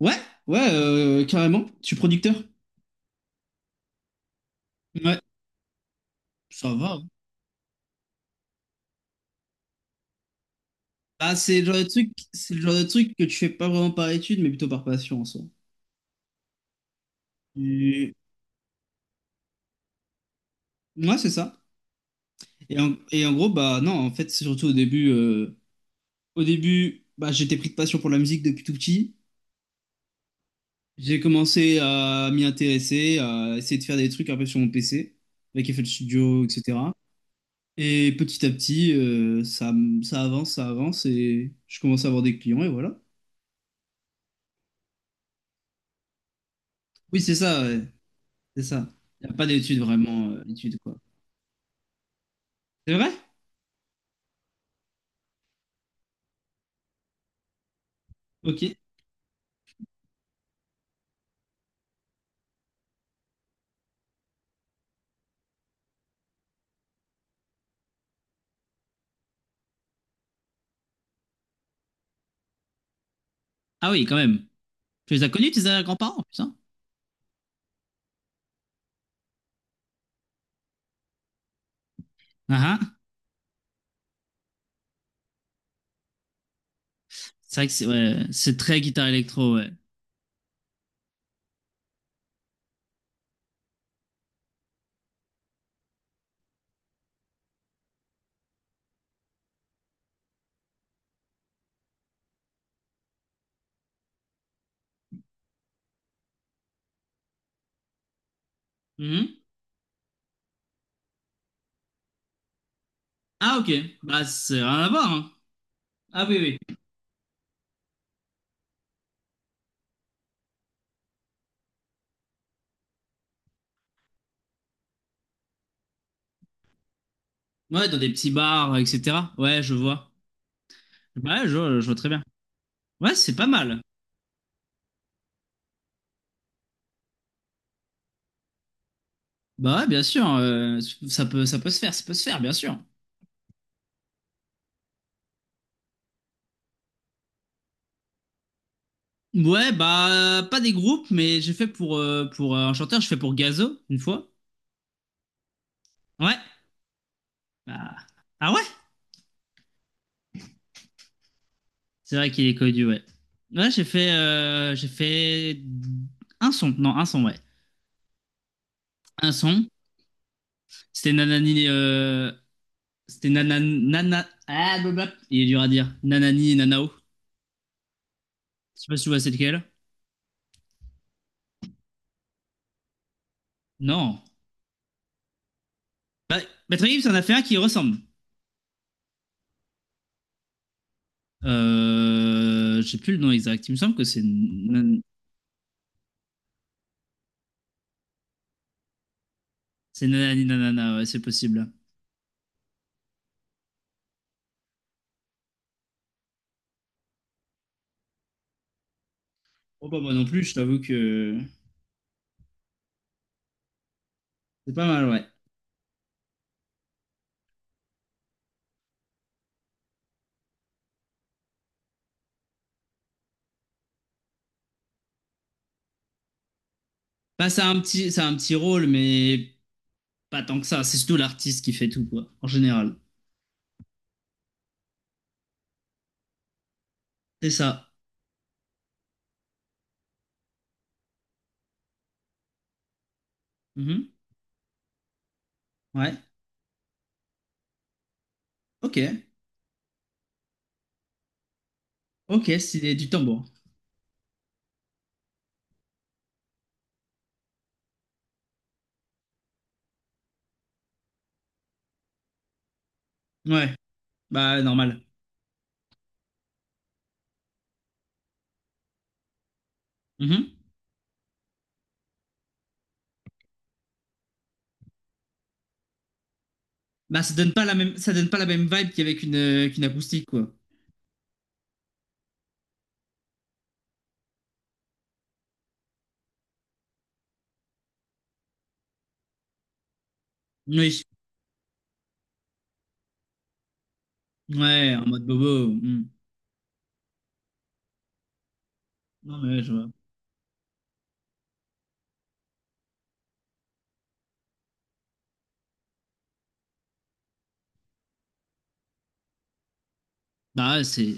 Ouais, ouais, carrément. Je suis producteur. Ouais, ça va, hein. Ah, c'est le genre de truc, c'est le genre de truc que tu fais pas vraiment par étude, mais plutôt par passion en soi. Et- Ouais, c'est ça. Et en gros, bah non, en fait, c'est surtout au début, bah j'étais pris de passion pour la musique depuis tout petit. J'ai commencé à m'y intéresser, à essayer de faire des trucs un peu sur mon PC, avec FL Studio, etc. Et petit à petit, ça avance, ça avance, et je commence à avoir des clients, et voilà. Oui, c'est ça, ouais. C'est ça. Il n'y a pas d'études vraiment, d'études, quoi. C'est vrai? Ok. Ah oui, quand même. Tu les as connus, tes grands-parents, putain. Ah ah. C'est vrai que c'est, ouais, c'est très guitare électro, ouais. Mhm. Ah ok. Bah, c'est rien à voir, hein. Ah oui, oui. Ouais, dans des petits bars, etc. Ouais, je vois. Bah, ouais, je vois très bien. Ouais, c'est pas mal. Bah, ouais, bien sûr. Ça peut se faire, ça peut se faire, bien sûr. Ouais, bah, pas des groupes, mais j'ai fait pour un chanteur, je fais pour Gazo, une fois. Ouais. Bah, ah ouais? C'est vrai qu'il est connu, ouais. Ouais, j'ai fait un son. Non, un son, ouais. Un son. C'était Nanani. C'était Nanana. Nana... Ah, blablabla. Il est dur à dire. Nanani et Nanao. Je sais pas si tu vois c'est lequel. Non. Bah, Patrick Gibbs en a fait un qui ressemble. J'ai plus le nom exact. Il me semble que c'est Nanani Nanana. Ouais, c'est possible. Bon, bah, moi non plus, je t'avoue que c'est pas mal, ouais. Bah, c'est un petit rôle, mais pas tant que ça, c'est surtout l'artiste qui fait tout, quoi, en général. C'est ça. Mhm. Ouais. Ok. Ok, c'est du tambour. Ouais. Bah, normal. Mhm. Bah, ça donne pas la même, ça donne pas la même vibe qu'avec qu'une acoustique, quoi. Oui. Ouais, en mode bobo. Mhm. Non, mais ouais, je vois. Bah, ouais, c'est.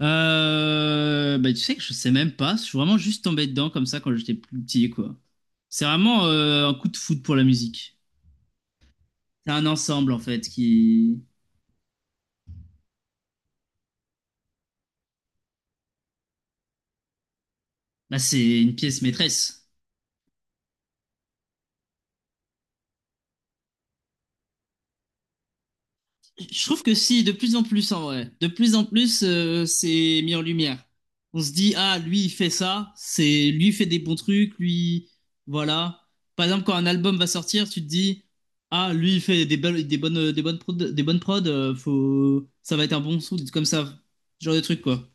Bah, tu sais que je sais même pas. Je suis vraiment juste tombé dedans comme ça quand j'étais plus petit, quoi. C'est vraiment un coup de foudre pour la musique. C'est un ensemble, en fait, qui. Bah, c'est une pièce maîtresse. Je trouve que si, de plus en plus en vrai. De plus en plus, c'est mis en lumière. On se dit, ah, lui, il fait ça, c'est lui il fait des bons trucs, lui, voilà. Par exemple, quand un album va sortir, tu te dis, ah, lui, il fait des belles, des bonnes prod, faut, ça va être un bon son, comme ça, ce genre de trucs, quoi.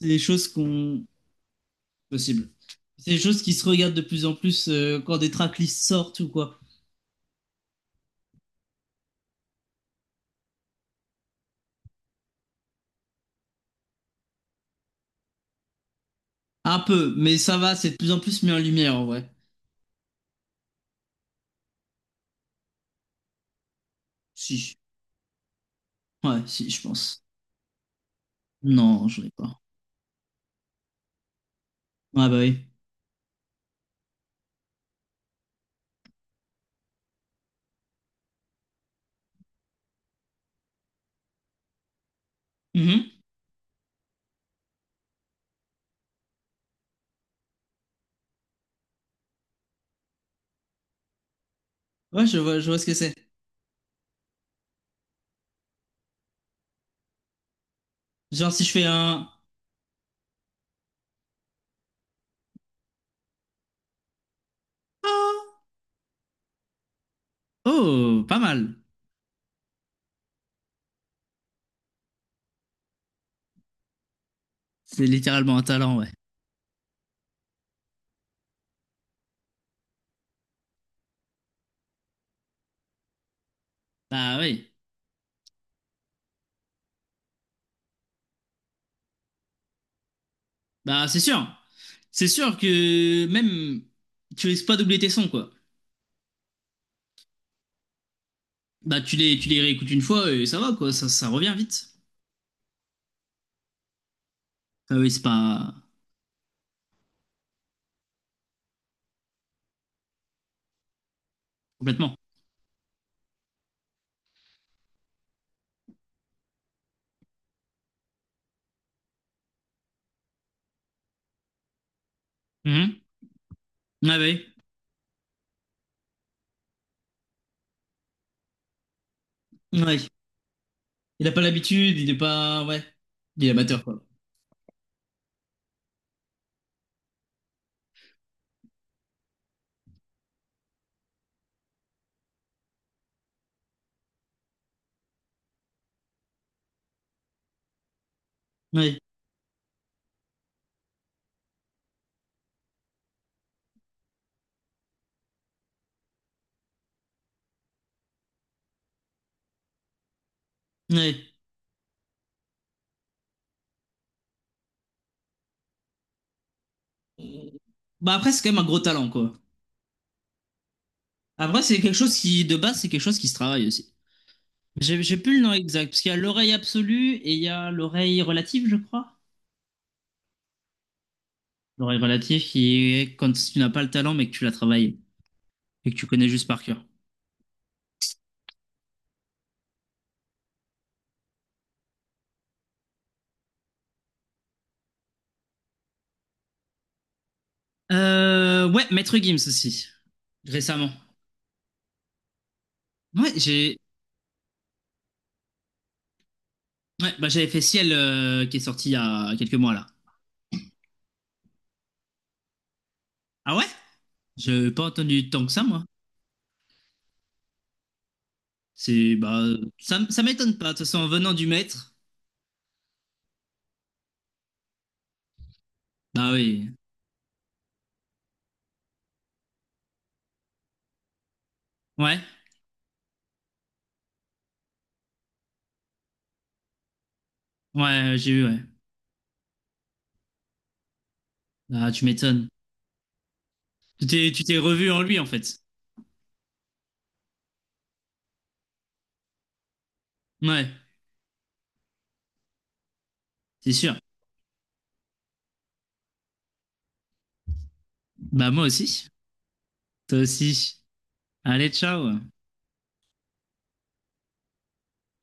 C'est des choses qu'on, possible. C'est des choses qui se regardent de plus en plus quand des tracklists sortent ou quoi. Un peu, mais ça va, c'est de plus en plus mis en lumière en vrai. Si, si. Ouais, si, je pense. Non, je ai pas. Ah bah oui. Mhm. Ouais, je vois ce que c'est. Genre si je fais un... Ah. Oh, pas mal. C'est littéralement un talent, ouais. Bah oui. Bah c'est sûr. C'est sûr que même tu risques pas doubler tes sons, quoi. Bah tu les réécoutes une fois et ça va, quoi. Ça revient vite. Ah oui, c'est pas... Complètement. Mhm. Ah oui. Ouais. Il a pas l'habitude, il est pas... Ouais. Il est amateur, quoi. Ouais. Ouais. Bah après, c'est quand même un gros talent, quoi. Après, c'est quelque chose qui, de base, c'est quelque chose qui se travaille aussi. J'ai plus le nom exact, parce qu'il y a l'oreille absolue et il y a l'oreille relative, je crois. L'oreille relative qui est quand tu n'as pas le talent, mais que tu l'as travaillé et que tu connais juste par cœur. Ouais, Maître Gims aussi, récemment. Ouais, ouais, bah, j'avais fait Ciel, qui est sorti il y a quelques mois, là. Ah ouais? J'ai pas entendu tant que ça, moi. C'est, bah, ça, m- ça m'étonne pas. De toute façon, en venant du maître, bah oui. Ouais, ouais, j'ai eu, ouais. Ah tu m'étonnes. Tu t'es revu en lui, en fait. Ouais, c'est sûr. Bah, moi aussi. Toi aussi. Allez, ciao.